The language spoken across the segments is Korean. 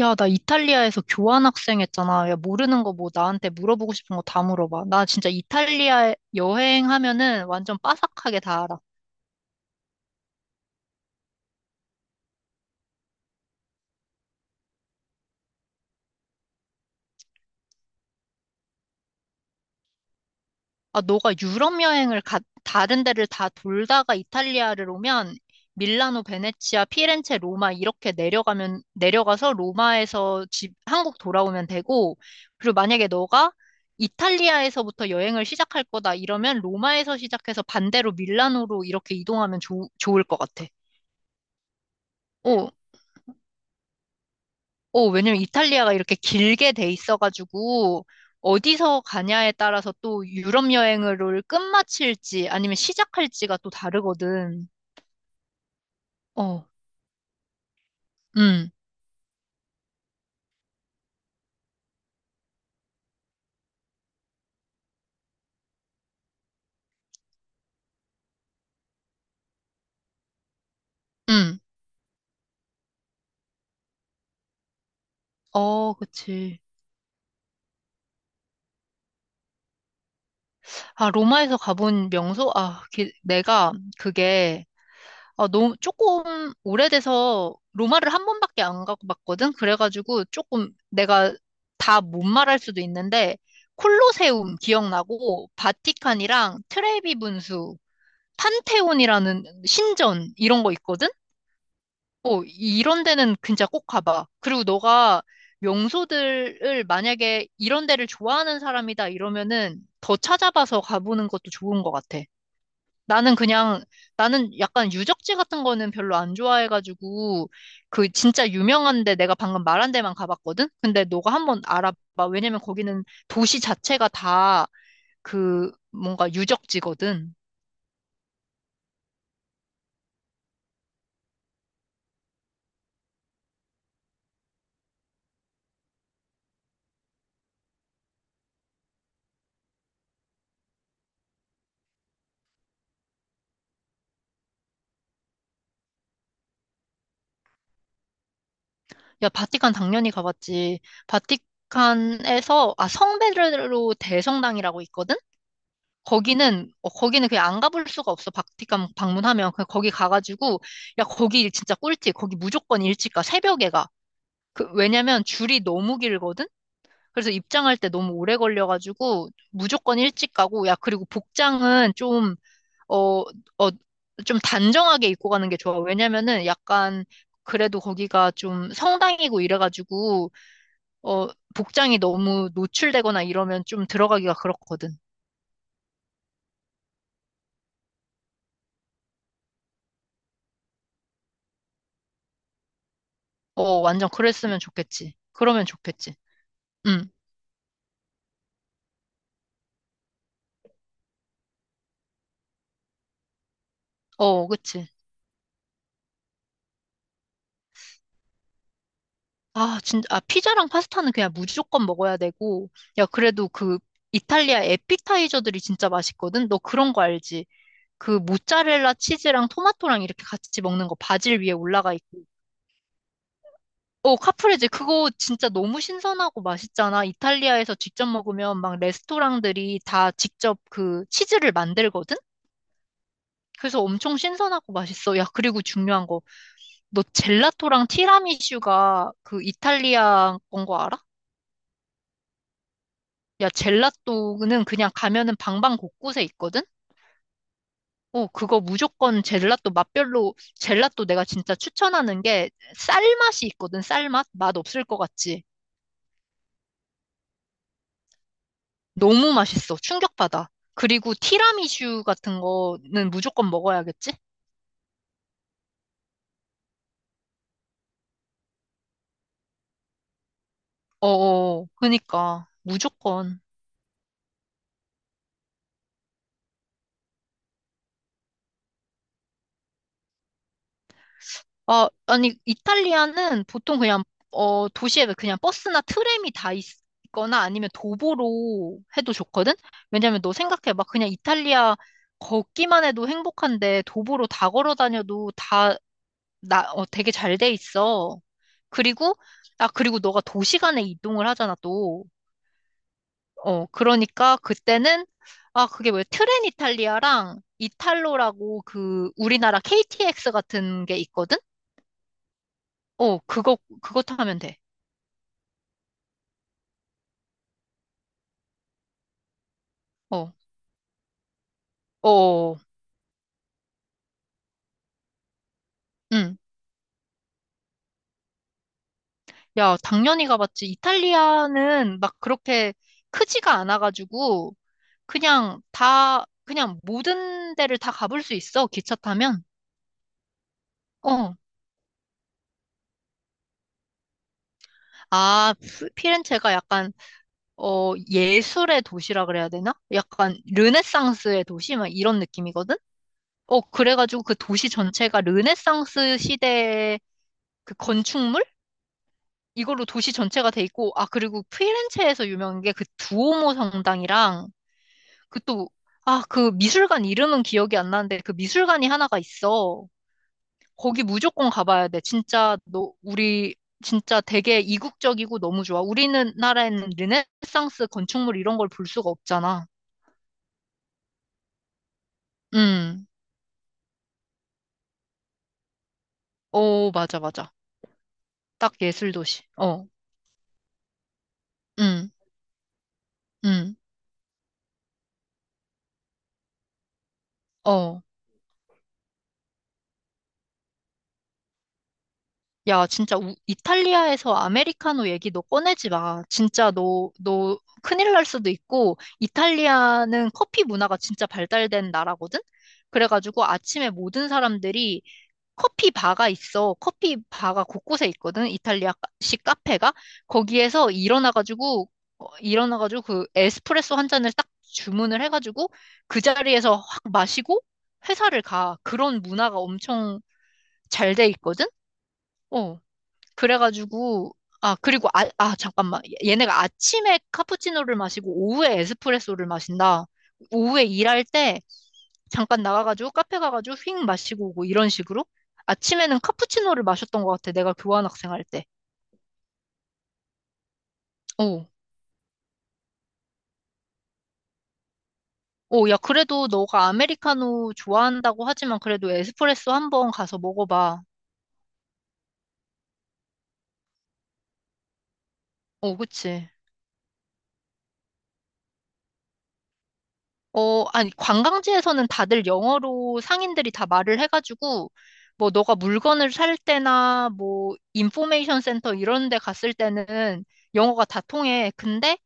야, 나 이탈리아에서 교환학생 했잖아. 야, 모르는 거 뭐 나한테 물어보고 싶은 거 다 물어봐. 나 진짜 이탈리아 여행하면은 완전 빠삭하게 다 알아. 아, 너가 유럽 여행을 가, 다른 데를 다 돌다가 이탈리아를 오면 밀라노, 베네치아, 피렌체, 로마 이렇게 내려가면, 내려가서 로마에서 집, 한국 돌아오면 되고, 그리고 만약에 너가 이탈리아에서부터 여행을 시작할 거다 이러면 로마에서 시작해서 반대로 밀라노로 이렇게 이동하면 좋 좋을 것 같아. 어, 왜냐면 이탈리아가 이렇게 길게 돼 있어가지고 어디서 가냐에 따라서 또 유럽 여행을 끝마칠지 아니면 시작할지가 또 다르거든. 어, 음, 음. 어, 그치. 아, 로마에서 가본 명소? 아, 내가 그게, 아, 너무 조금 오래돼서 로마를 한 번밖에 안 가봤거든. 그래가지고 조금 내가 다 못 말할 수도 있는데 콜로세움 기억나고 바티칸이랑 트레비 분수 판테온이라는 신전 이런 거 있거든? 어, 이런 데는 진짜 꼭 가봐. 그리고 너가 명소들을 만약에 이런 데를 좋아하는 사람이다 이러면은 더 찾아봐서 가보는 것도 좋은 것 같아. 나는 그냥, 나는 약간 유적지 같은 거는 별로 안 좋아해가지고, 그 진짜 유명한데 내가 방금 말한 데만 가봤거든? 근데 너가 한번 알아봐. 왜냐면 거기는 도시 자체가 다 그 뭔가 유적지거든. 야, 바티칸 당연히 가봤지. 바티칸에서, 아, 성베드로 대성당이라고 있거든? 거기는, 어, 거기는 그냥 안 가볼 수가 없어. 바티칸 방문하면. 그냥 거기 가가지고, 야, 거기 진짜 꿀팁. 거기 무조건 일찍 가. 새벽에 가. 그, 왜냐면 줄이 너무 길거든? 그래서 입장할 때 너무 오래 걸려가지고, 무조건 일찍 가고, 야, 그리고 복장은 좀, 어, 어, 좀 단정하게 입고 가는 게 좋아. 왜냐면은 약간, 그래도 거기가 좀 성당이고 이래가지고, 어, 복장이 너무 노출되거나 이러면 좀 들어가기가 그렇거든. 어, 완전 그랬으면 좋겠지. 그러면 좋겠지. 응, 어, 그치. 아, 진짜, 아, 피자랑 파스타는 그냥 무조건 먹어야 되고, 야, 그래도 그 이탈리아 에피타이저들이 진짜 맛있거든? 너 그런 거 알지? 그 모짜렐라 치즈랑 토마토랑 이렇게 같이 먹는 거 바질 위에 올라가 있고. 어, 카프레제 그거 진짜 너무 신선하고 맛있잖아. 이탈리아에서 직접 먹으면 막 레스토랑들이 다 직접 그 치즈를 만들거든? 그래서 엄청 신선하고 맛있어. 야, 그리고 중요한 거. 너 젤라또랑 티라미슈가 그 이탈리아 건 거 알아? 야, 젤라또는 그냥 가면은 방방 곳곳에 있거든? 어, 그거 무조건 젤라또 맛별로, 젤라또 내가 진짜 추천하는 게 쌀맛이 있거든, 쌀 맛? 맛 없을 것 같지? 너무 맛있어. 충격받아. 그리고 티라미슈 같은 거는 무조건 먹어야겠지? 어어, 그니까. 무조건. 어, 아니, 이탈리아는 보통 그냥, 도시에 그냥 버스나 트램이 다 있, 거나 아니면 도보로 해도 좋거든? 왜냐면 너 생각해. 막 그냥 이탈리아 걷기만 해도 행복한데 도보로 다 걸어 다녀도 다, 나, 되게 잘 돼 있어. 그리고, 그리고 너가 도시 간에 이동을 하잖아, 또. 어, 그러니까 그때는, 아, 그게 뭐야. 트렌 이탈리아랑 이탈로라고 그 우리나라 KTX 같은 게 있거든? 어, 그거 타면 돼. 어, 어, 응. 야, 당연히 가봤지. 이탈리아는 막 그렇게 크지가 않아가지고, 그냥 다, 그냥 모든 데를 다 가볼 수 있어, 기차 타면. 어. 아, 피렌체가 약간, 예술의 도시라 그래야 되나? 약간, 르네상스의 도시? 막 이런 느낌이거든? 어, 그래가지고 그 도시 전체가 르네상스 시대의 그 건축물? 이걸로 도시 전체가 돼 있고, 아, 그리고 피렌체에서 유명한 게 그 두오모 성당이랑, 그 또, 아, 그 미술관 이름은 기억이 안 나는데, 그 미술관이 하나가 있어. 거기 무조건 가봐야 돼. 진짜, 너, 우리, 진짜 되게 이국적이고 너무 좋아. 우리나라에는 르네상스 건축물 이런 걸 볼 수가 없잖아. 음, 오, 맞아, 맞아. 딱 예술 도시. 어, 음, 음, 어. 야, 진짜 이탈리아에서 아메리카노 얘기 너 꺼내지 마. 진짜 너 큰일 날 수도 있고, 이탈리아는 커피 문화가 진짜 발달된 나라거든? 그래가지고 아침에 모든 사람들이 커피 바가 있어. 커피 바가 곳곳에 있거든? 이탈리아식 카페가? 거기에서 일어나가지고 그 에스프레소 한 잔을 딱 주문을 해가지고 그 자리에서 확 마시고 회사를 가. 그런 문화가 엄청 잘 돼 있거든? 어. 그래가지고, 아, 그리고, 아, 아, 잠깐만. 얘네가 아침에 카푸치노를 마시고 오후에 에스프레소를 마신다. 오후에 일할 때 잠깐 나가가지고 카페 가가지고 휙 마시고 오고 이런 식으로? 아침에는 카푸치노를 마셨던 것 같아. 내가 교환학생 할 때. 오. 오, 야, 그래도 너가 아메리카노 좋아한다고 하지만 그래도 에스프레소 한번 가서 먹어봐. 오, 그치. 어, 아니, 관광지에서는 다들 영어로 상인들이 다 말을 해가지고, 뭐, 너가 물건을 살 때나, 뭐, 인포메이션 센터 이런 데 갔을 때는 영어가 다 통해. 근데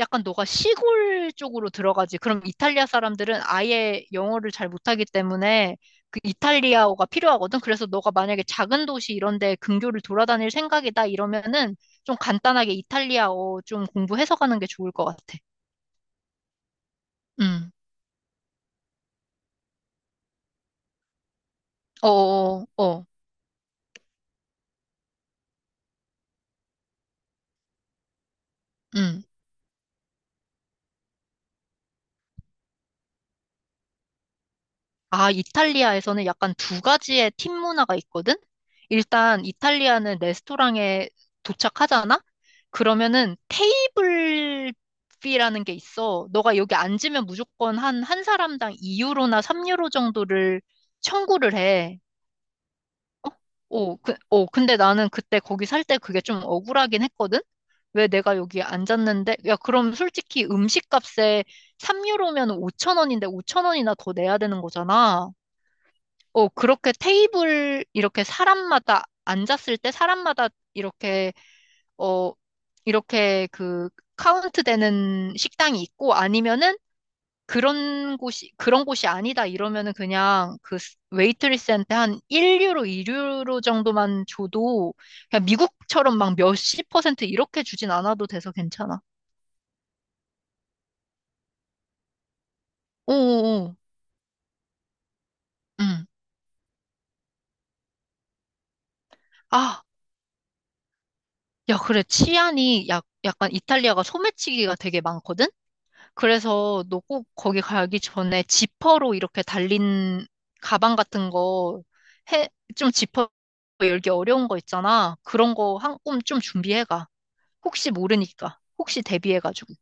약간 너가 시골 쪽으로 들어가지. 그럼 이탈리아 사람들은 아예 영어를 잘 못하기 때문에 그 이탈리아어가 필요하거든. 그래서 너가 만약에 작은 도시 이런 데 근교를 돌아다닐 생각이다 이러면은 좀 간단하게 이탈리아어 좀 공부해서 가는 게 좋을 것 같아. 음. 어어어. 어. 어, 어. 음. 아, 이탈리아에서는 약간 두 가지의 팀 문화가 있거든? 일단 이탈리아는 레스토랑에 도착하잖아? 그러면은 테이블비라는 게 있어. 너가 여기 앉으면 무조건 한 사람당 2유로나 3유로 정도를 청구를 해. 어? 그, 근데 나는 그때 거기 살 때 그게 좀 억울하긴 했거든? 왜 내가 여기 앉았는데? 야, 그럼 솔직히 음식값에 3유로면 5천 원인데 5천 원이나 더 내야 되는 거잖아. 어, 그렇게 테이블, 이렇게 사람마다, 앉았을 때 사람마다 이렇게, 어, 이렇게 그 카운트 되는 식당이 있고 아니면은 그런 곳이 아니다 이러면은 그냥 그 웨이트리스한테 한 1유로, 2유로 정도만 줘도 그냥 미국처럼 막 몇십 퍼센트 이렇게 주진 않아도 돼서 괜찮아. 오오오. 응. 아, 야, 그래. 치안이 약간 이탈리아가 소매치기가 되게 많거든? 그래서 너 꼭 거기 가기 전에 지퍼로 이렇게 달린 가방 같은 거 해, 좀 지퍼 열기 어려운 거 있잖아. 그런 거 한 꼼 좀 준비해가. 혹시 모르니까. 혹시 대비해가지고.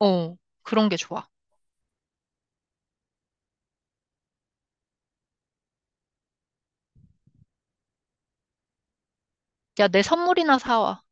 어, 그런 게 좋아. 야, 내 선물이나 사와.